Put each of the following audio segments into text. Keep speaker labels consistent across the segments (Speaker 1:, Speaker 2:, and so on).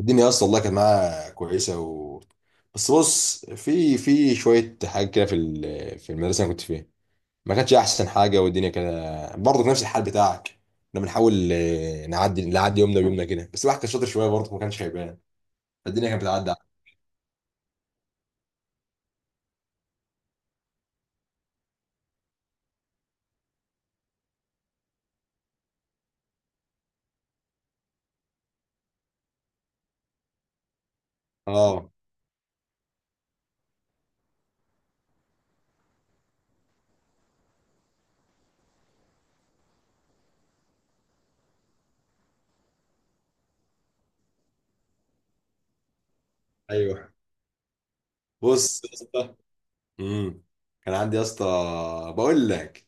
Speaker 1: الدنيا اصلا والله كانت معاها كويسه. بس بص في شويه حاجات كده، في المدرسه اللي كنت فيها، ما كانتش احسن حاجه، والدنيا كده برضه نفس الحال بتاعك. كنا بنحاول نعدي يومنا بيومنا كده، بس الواحد كان شاطر شويه برضه ما كانش هيبان، الدنيا كانت بتعدي. اه. ايوه. بص يا اسطى. امم كان عندي يا اسطى، بقول لك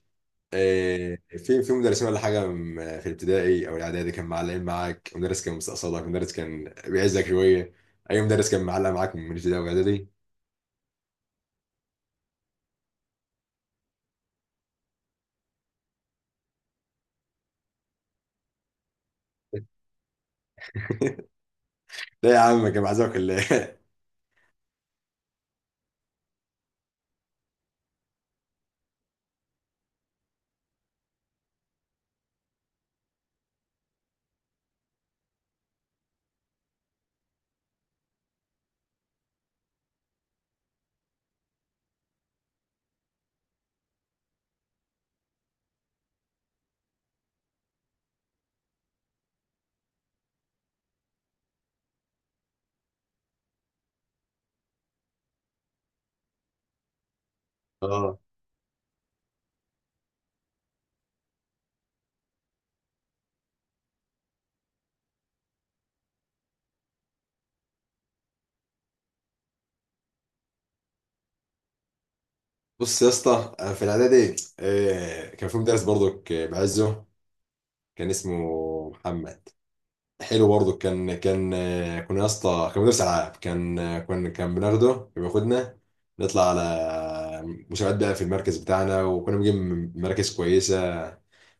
Speaker 1: في مدرسين ولا حاجه. في الابتدائي او الاعدادي كان معلقين معاك، مدرس كان مستقصدك، مدرس كان بيعزك شويه. اي مدرس كان معلق معاك من الابتدائي والاعدادي. لا يا عم، كان معزك ولا إيه؟ اه. بص يا اسطى، في الاعدادي، كان في مدرس برضك بعزه، كان اسمه محمد، حلو برضه. كان كنا يا اسطى، كان مدرس العاب، كان كنا، كان بناخده، كان بياخدنا نطلع على مسابقات بقى في المركز بتاعنا، وكنا بنجيب مراكز كويسه،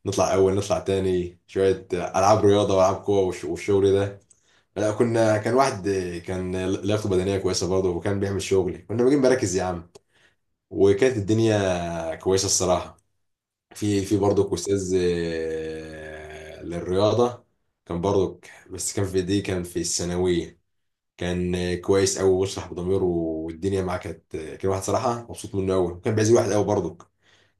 Speaker 1: نطلع اول، نطلع تاني شويه العاب رياضه والعاب قوه والشغل ده. لا كنا، كان واحد كان لياقته بدنيه كويسه برضه، وكان بيعمل شغل، كنا بنجيب مراكز يا عم، وكانت الدنيا كويسه الصراحه. في برضك استاذ للرياضه، كان برضك، بس كان في دي كان في الثانويه، كان كويس قوي ويشرح بضميره، والدنيا معاه كانت كان واحد صراحه مبسوط منه قوي، كان بيعز الواحد قوي برضك،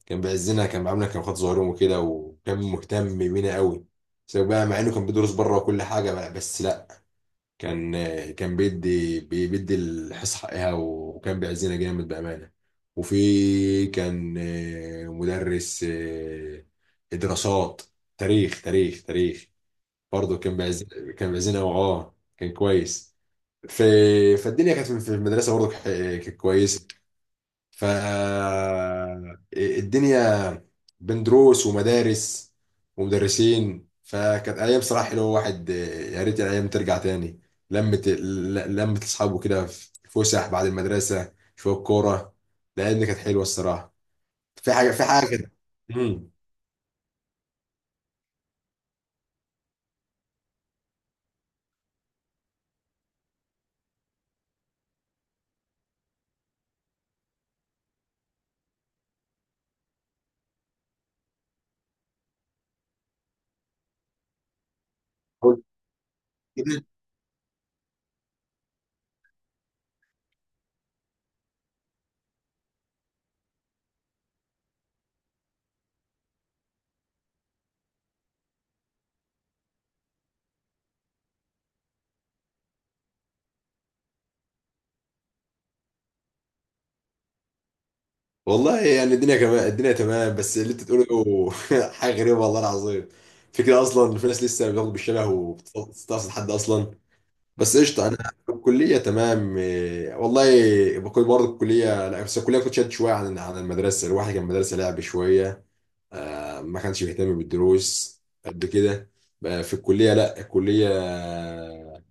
Speaker 1: كان بيعزنا، كان عاملنا، كان خد ظهرهم وكده، وكان مهتم بينا قوي، سواء بقى مع انه كان بيدرس بره وكل حاجه بقى، بس لا، كان كان بيدي الحصة حقها، وكان بيعزينا جامد بأمانة. وفي، كان مدرس دراسات، تاريخ، برضه كان بيعز، كان بيعزينا اه، كان كويس. في، فالدنيا كانت في المدرسة برضه كانت كويسة، ف الدنيا بين دروس ومدارس ومدرسين، فكانت ايام صراحه حلوه، واحد يا ريت الايام ترجع تاني، لمة اصحابه كده في فسح بعد المدرسه، شويه كوره، لان كانت حلوه الصراحه، في حاجه كده. امم قول. كده. والله يعني الدنيا كمان، الدنيا تمام، بس اللي انت تقوله حاجه غريبه، والله العظيم فكرة اصلا في ناس لسه بتاخد بالشبه وبتستقصد حد اصلا. بس قشطه انا، في الكليه تمام، والله. بكون برضه الكليه، لا بس الكليه كنت شاد شويه عن المدرسه، الواحد كان مدرسه لعب شويه، ما كانش بيهتم بالدروس قد كده. بقى في الكليه، لا الكليه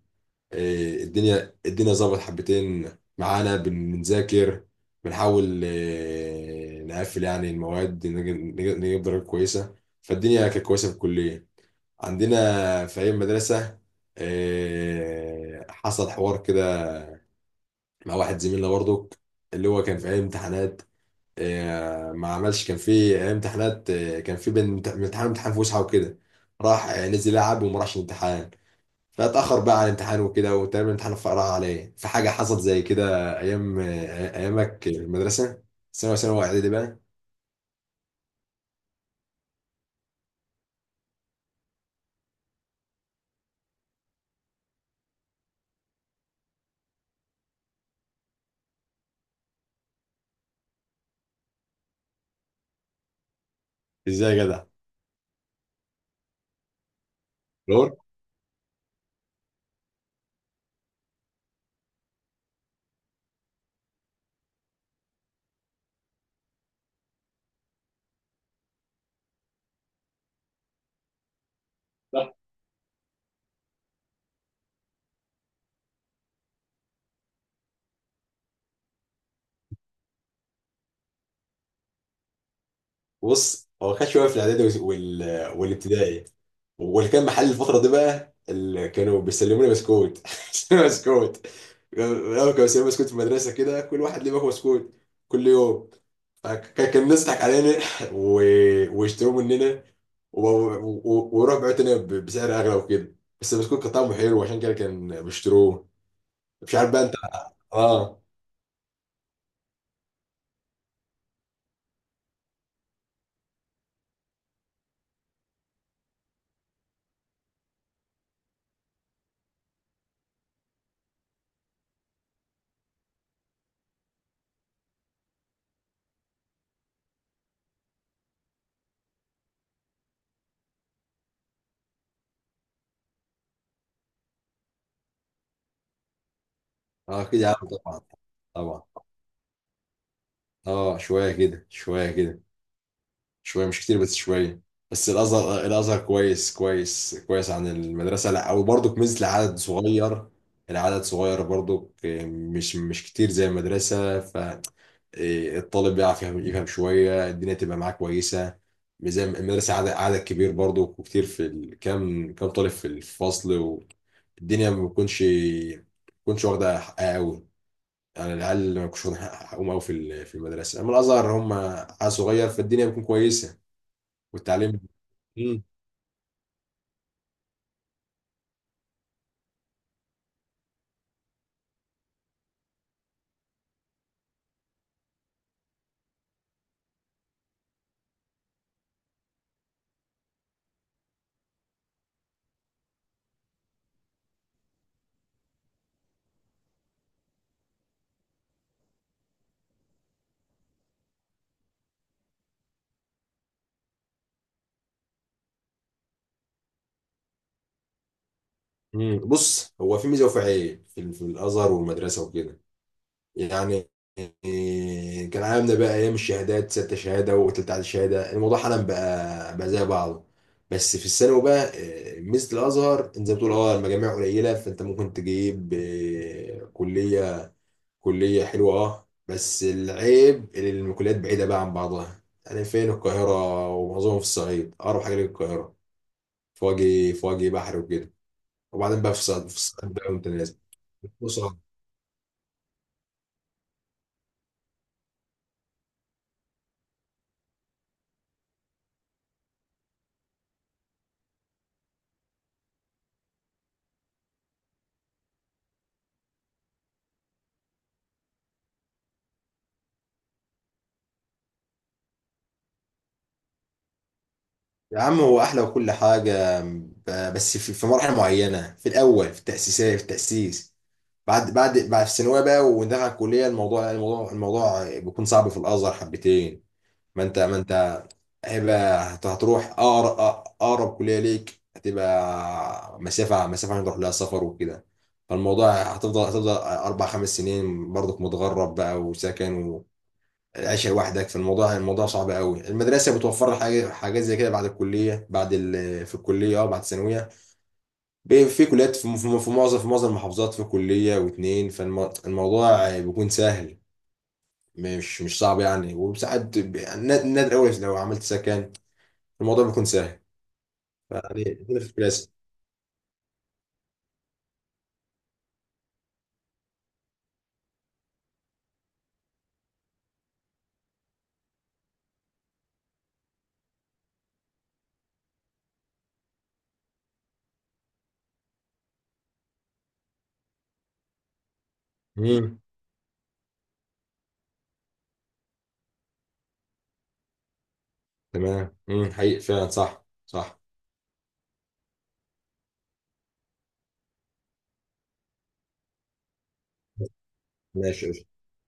Speaker 1: الدنيا ظبط حبتين، معانا بنذاكر، بنحاول نقفل يعني المواد، نجيب درجات كويسه، فالدنيا كانت كويسه في الكليه. عندنا، في أيام مدرسة حصل حوار كده مع واحد زميلنا برضو، اللي هو كان في أيام امتحانات ما عملش، كان في أيام امتحانات كان في بين من امتحان امتحان فسحة وكده، راح نزل يلعب وما راحش الامتحان، فاتأخر بقى على الامتحان وكده، وتقريبا الامتحان فقرا عليه. في حاجة حصلت زي كده أيامك في المدرسة، ثانوي ثانوي إعدادي بقى. إزاي يا جدع؟ بص هو خد شويه في الاعدادي والابتدائي، واللي كان محل الفتره دي بقى، اللي كانوا بيسلموني بسكوت بسكوت، الاول كانوا بيسلموني بسكوت في المدرسه كده، كل واحد ليه باكو بسكوت كل يوم، فكان الناس تضحك علينا و... ويشتروا مننا، ويروح بيعوا تاني بسعر اغلى وكده، بس البسكوت كان طعمه حلو عشان كده كان بيشتروه، مش عارف بقى انت. اه. اه كده يا عم طبعا. طبعا. اه، شويه كده شويه كده، شويه مش كتير، بس شويه. بس الازهر، الازهر كويس كويس كويس عن المدرسه، لا وبرضك ميزه العدد صغير، العدد صغير برضك، مش كتير زي المدرسه، ف الطالب بيعرف يفهم شوية، الدنيا تبقى معاه كويسة، مش زي المدرسة، عدد كبير برضو وكتير كام طالب في الفصل، والدنيا ما بتكونش واخدة حقها قوي، يعني العيال ما بيكونش واخدين حقهم قوي في المدرسة، أما الأزهر هم عيال صغير، فالدنيا بتكون كويسة، والتعليم. مم. مم. بص هو في ميزه وفي عيب في, الازهر والمدرسه وكده، يعني كان عاملنا بقى ايام الشهادات ستة شهاده وتلت عدد شهاده، الموضوع حالا بقى زي بعضه، بس في الثانوي بقى ميزه الازهر انت زي ما بتقول، اه المجاميع قليله، فانت ممكن تجيب كليه، كليه حلوه اه. بس العيب إن الكليات بعيده بقى عن بعضها، يعني فين القاهره ومعظمهم في الصعيد، اقرب حاجه للقاهره فواجه بحر وكده، وبعدين بقى في فصاد بقى متنازل فصاد. يا عم هو احلى وكل حاجه، بس في مراحل معينه، في الاول في التاسيسيه في التاسيس، بعد في الثانويه بقى وندخل الكليه، الموضوع بيكون صعب في الازهر حبتين، ما انت هيبقى، هتروح، اقرب كليه ليك، هتبقى مسافه هنروح لها سفر وكده، فالموضوع هتفضل 4 5 سنين برضك متغرب بقى وسكن، العيشة لوحدك، في الموضوع صعب قوي، المدرسة بتوفر لك حاجة، حاجات زي كده بعد الكلية، في الكلية اه، بعد الثانوية، في كليات، في معظم المحافظات، في كلية واتنين، فالموضوع بيكون سهل، مش صعب يعني، وساعات نادر قوي، لو عملت سكن الموضوع بيكون سهل، يعني هنا في الكلاسيك. امم. تمام، حقيقي فعلا، صح صح، ماشي.